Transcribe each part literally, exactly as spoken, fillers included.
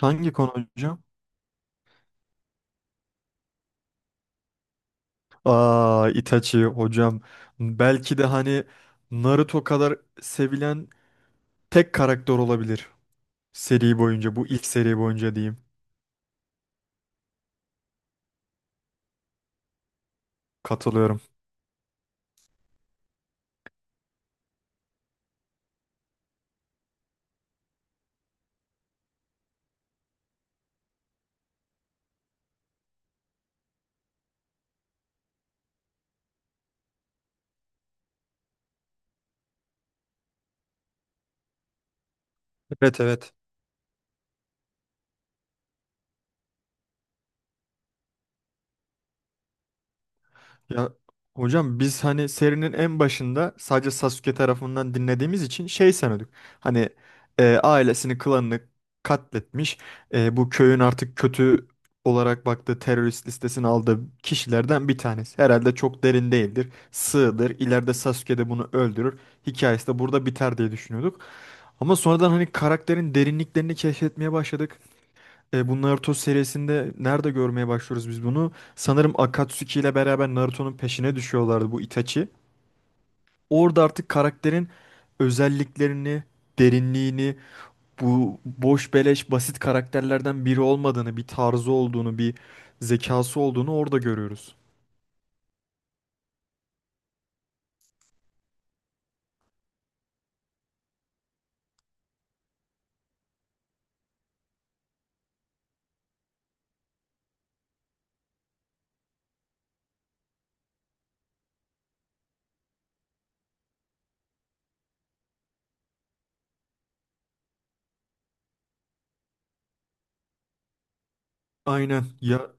Hangi konu hocam? Aa, Itachi hocam. Belki de hani Naruto kadar sevilen tek karakter olabilir. Seri boyunca, bu ilk seri boyunca diyeyim. Katılıyorum. Evet, evet. Ya hocam biz hani serinin en başında sadece Sasuke tarafından dinlediğimiz için şey sanıyorduk. Hani e, ailesini, klanını katletmiş. E, bu köyün artık kötü olarak baktığı terörist listesini aldığı kişilerden bir tanesi. Herhalde çok derin değildir. Sığdır. İleride Sasuke de bunu öldürür. Hikayesi de burada biter diye düşünüyorduk. Ama sonradan hani karakterin derinliklerini keşfetmeye başladık. E, bu Naruto serisinde nerede görmeye başlıyoruz biz bunu? Sanırım Akatsuki ile beraber Naruto'nun peşine düşüyorlardı bu Itachi. Orada artık karakterin özelliklerini, derinliğini, bu boş beleş basit karakterlerden biri olmadığını, bir tarzı olduğunu, bir zekası olduğunu orada görüyoruz. Aynen. Ya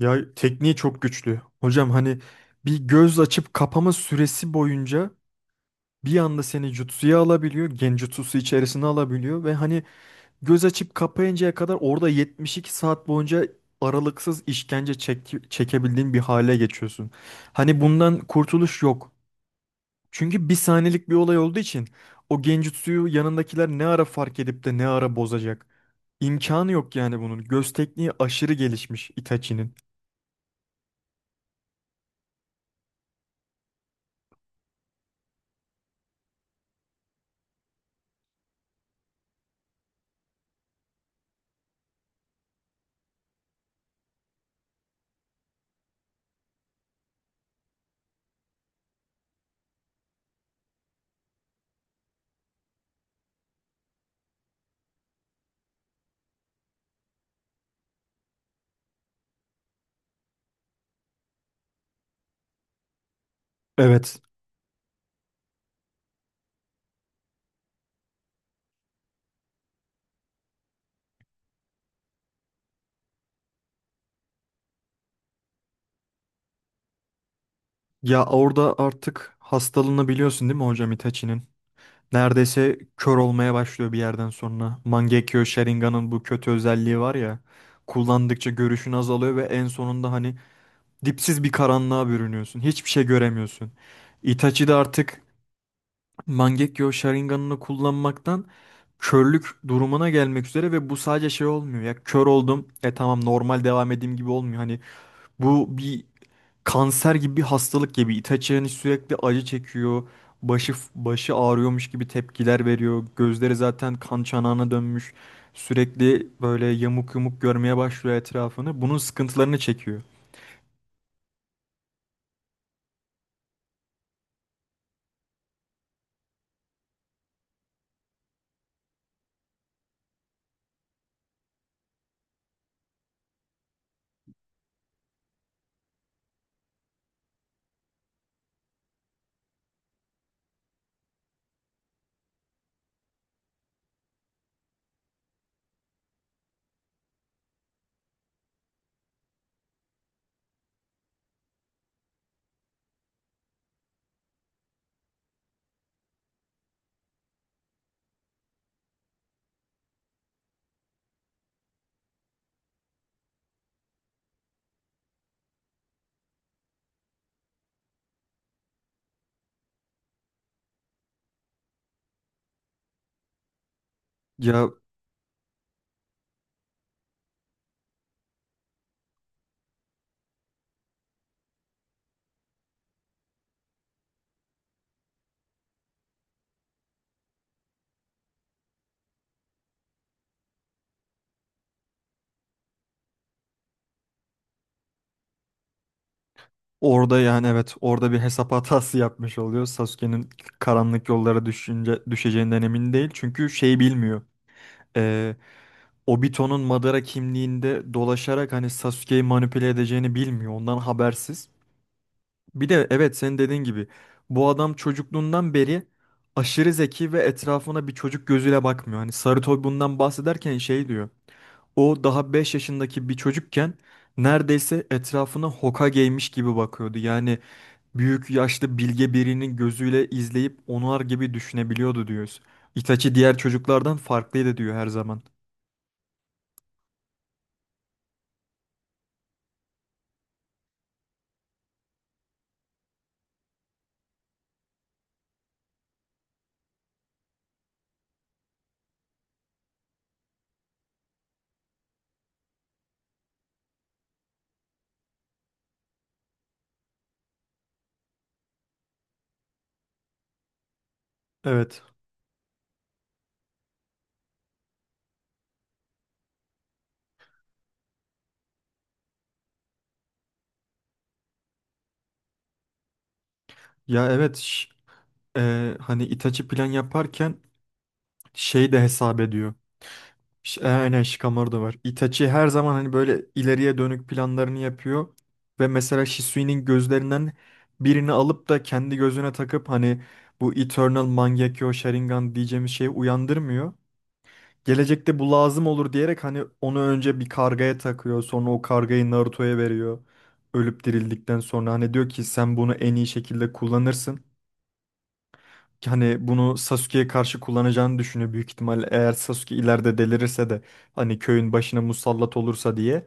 ya tekniği çok güçlü. Hocam hani bir göz açıp kapama süresi boyunca bir anda seni jutsuya alabiliyor, genjutsusu içerisine alabiliyor ve hani göz açıp kapayıncaya kadar orada yetmiş iki saat boyunca aralıksız işkence çek çekebildiğin bir hale geçiyorsun. Hani bundan kurtuluş yok. Çünkü bir saniyelik bir olay olduğu için o genjutsuyu yanındakiler ne ara fark edip de ne ara bozacak. İmkanı yok yani bunun. Göz tekniği aşırı gelişmiş Itachi'nin. Evet. Ya orada artık hastalığını biliyorsun değil mi hocam, Itachi'nin? Neredeyse kör olmaya başlıyor bir yerden sonra. Mangekyo Sharingan'ın bu kötü özelliği var ya. Kullandıkça görüşün azalıyor ve en sonunda hani dipsiz bir karanlığa bürünüyorsun. Hiçbir şey göremiyorsun. Itachi de artık Mangekyo Sharingan'ını kullanmaktan körlük durumuna gelmek üzere ve bu sadece şey olmuyor. Ya kör oldum. E tamam normal devam edeyim gibi olmuyor. Hani bu bir kanser gibi bir hastalık gibi. Itachi hani sürekli acı çekiyor. Başı başı ağrıyormuş gibi tepkiler veriyor. Gözleri zaten kan çanağına dönmüş. Sürekli böyle yamuk yumuk görmeye başlıyor etrafını. Bunun sıkıntılarını çekiyor. Ya orada yani evet orada bir hesap hatası yapmış oluyor. Sasuke'nin karanlık yollara düşünce, düşeceğinden emin değil. Çünkü şey bilmiyor. Ee, Obito'nun Madara kimliğinde dolaşarak hani Sasuke'yi manipüle edeceğini bilmiyor. Ondan habersiz. Bir de evet senin dediğin gibi bu adam çocukluğundan beri aşırı zeki ve etrafına bir çocuk gözüyle bakmıyor. Hani Sarıtoy bundan bahsederken şey diyor. O daha beş yaşındaki bir çocukken neredeyse etrafına Hokage'ymiş gibi bakıyordu. Yani büyük yaşlı bilge birinin gözüyle izleyip onar gibi düşünebiliyordu diyoruz. Itachi diğer çocuklardan farklıydı diyor her zaman. Evet. Ya evet ş- e, Hani Itachi plan yaparken şey de hesap ediyor. Ş- e, Aynen, Shikamaru da var. Itachi her zaman hani böyle ileriye dönük planlarını yapıyor. Ve mesela Shisui'nin gözlerinden birini alıp da kendi gözüne takıp hani bu Eternal Mangekyo Sharingan diyeceğimiz şeyi uyandırmıyor. Gelecekte bu lazım olur diyerek hani onu önce bir kargaya takıyor. Sonra o kargayı Naruto'ya veriyor. Ölüp dirildikten sonra hani diyor ki sen bunu en iyi şekilde kullanırsın, hani bunu Sasuke'ye karşı kullanacağını düşünüyor büyük ihtimal, eğer Sasuke ileride delirirse de hani köyün başına musallat olursa diye.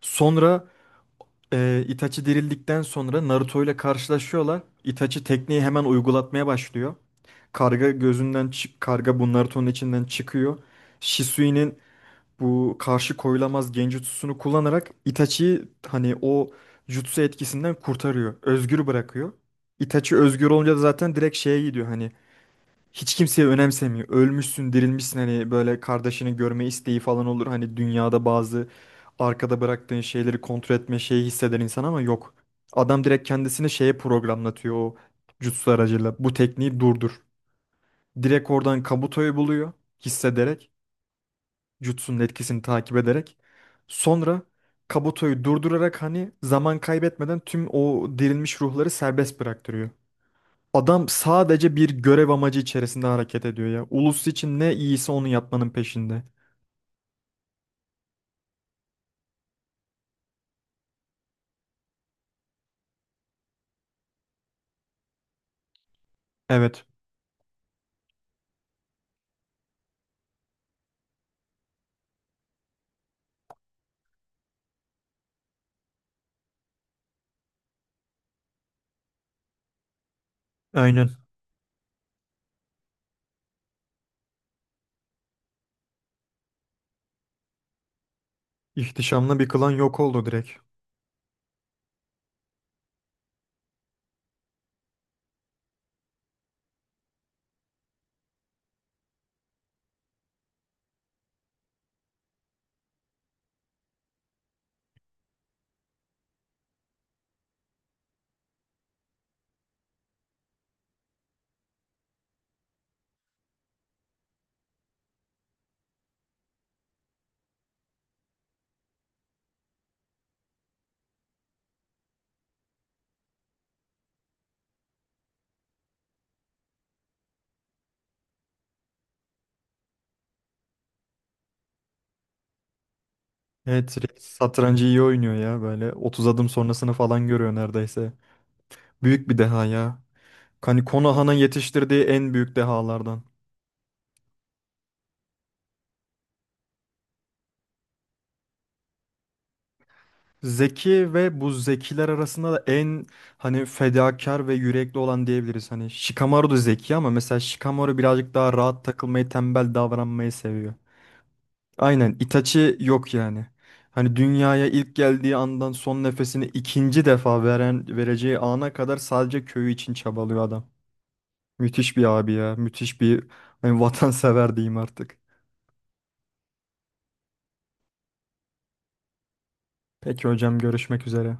Sonra e, Itachi dirildikten sonra Naruto ile karşılaşıyorlar. Itachi tekniği hemen uygulatmaya başlıyor. Karga gözünden çık, karga bu Naruto'nun içinden çıkıyor. Shisui'nin bu karşı koyulamaz Genjutsu'sunu kullanarak Itachi'yi hani o jutsu etkisinden kurtarıyor. Özgür bırakıyor. Itachi özgür olunca da zaten direkt şeye gidiyor, hani hiç kimseye önemsemiyor. Ölmüşsün, dirilmişsin, hani böyle kardeşini görme isteği falan olur. Hani dünyada bazı arkada bıraktığın şeyleri kontrol etme şeyi hisseder insan ama yok. Adam direkt kendisini şeye programlatıyor o jutsu aracıyla. Bu tekniği durdur. Direkt oradan Kabuto'yu buluyor hissederek. Jutsu'nun etkisini takip ederek. Sonra Kabuto'yu durdurarak hani zaman kaybetmeden tüm o dirilmiş ruhları serbest bıraktırıyor. Adam sadece bir görev amacı içerisinde hareket ediyor ya. Ulus için ne iyisi onu yapmanın peşinde. Evet, aynen. İhtişamlı bir klan yok oldu direkt. Evet, direkt satrancı iyi oynuyor ya böyle. otuz adım sonrasını falan görüyor neredeyse. Büyük bir deha ya. Hani Konoha'nın yetiştirdiği en büyük dehalardan. Zeki ve bu zekiler arasında da en hani fedakar ve yürekli olan diyebiliriz. Hani Shikamaru da zeki ama mesela Shikamaru birazcık daha rahat takılmayı, tembel davranmayı seviyor. Aynen, Itachi yok yani. Hani dünyaya ilk geldiği andan son nefesini ikinci defa veren vereceği ana kadar sadece köyü için çabalıyor adam. Müthiş bir abi ya. Müthiş bir hani vatansever diyeyim artık. Peki hocam, görüşmek üzere.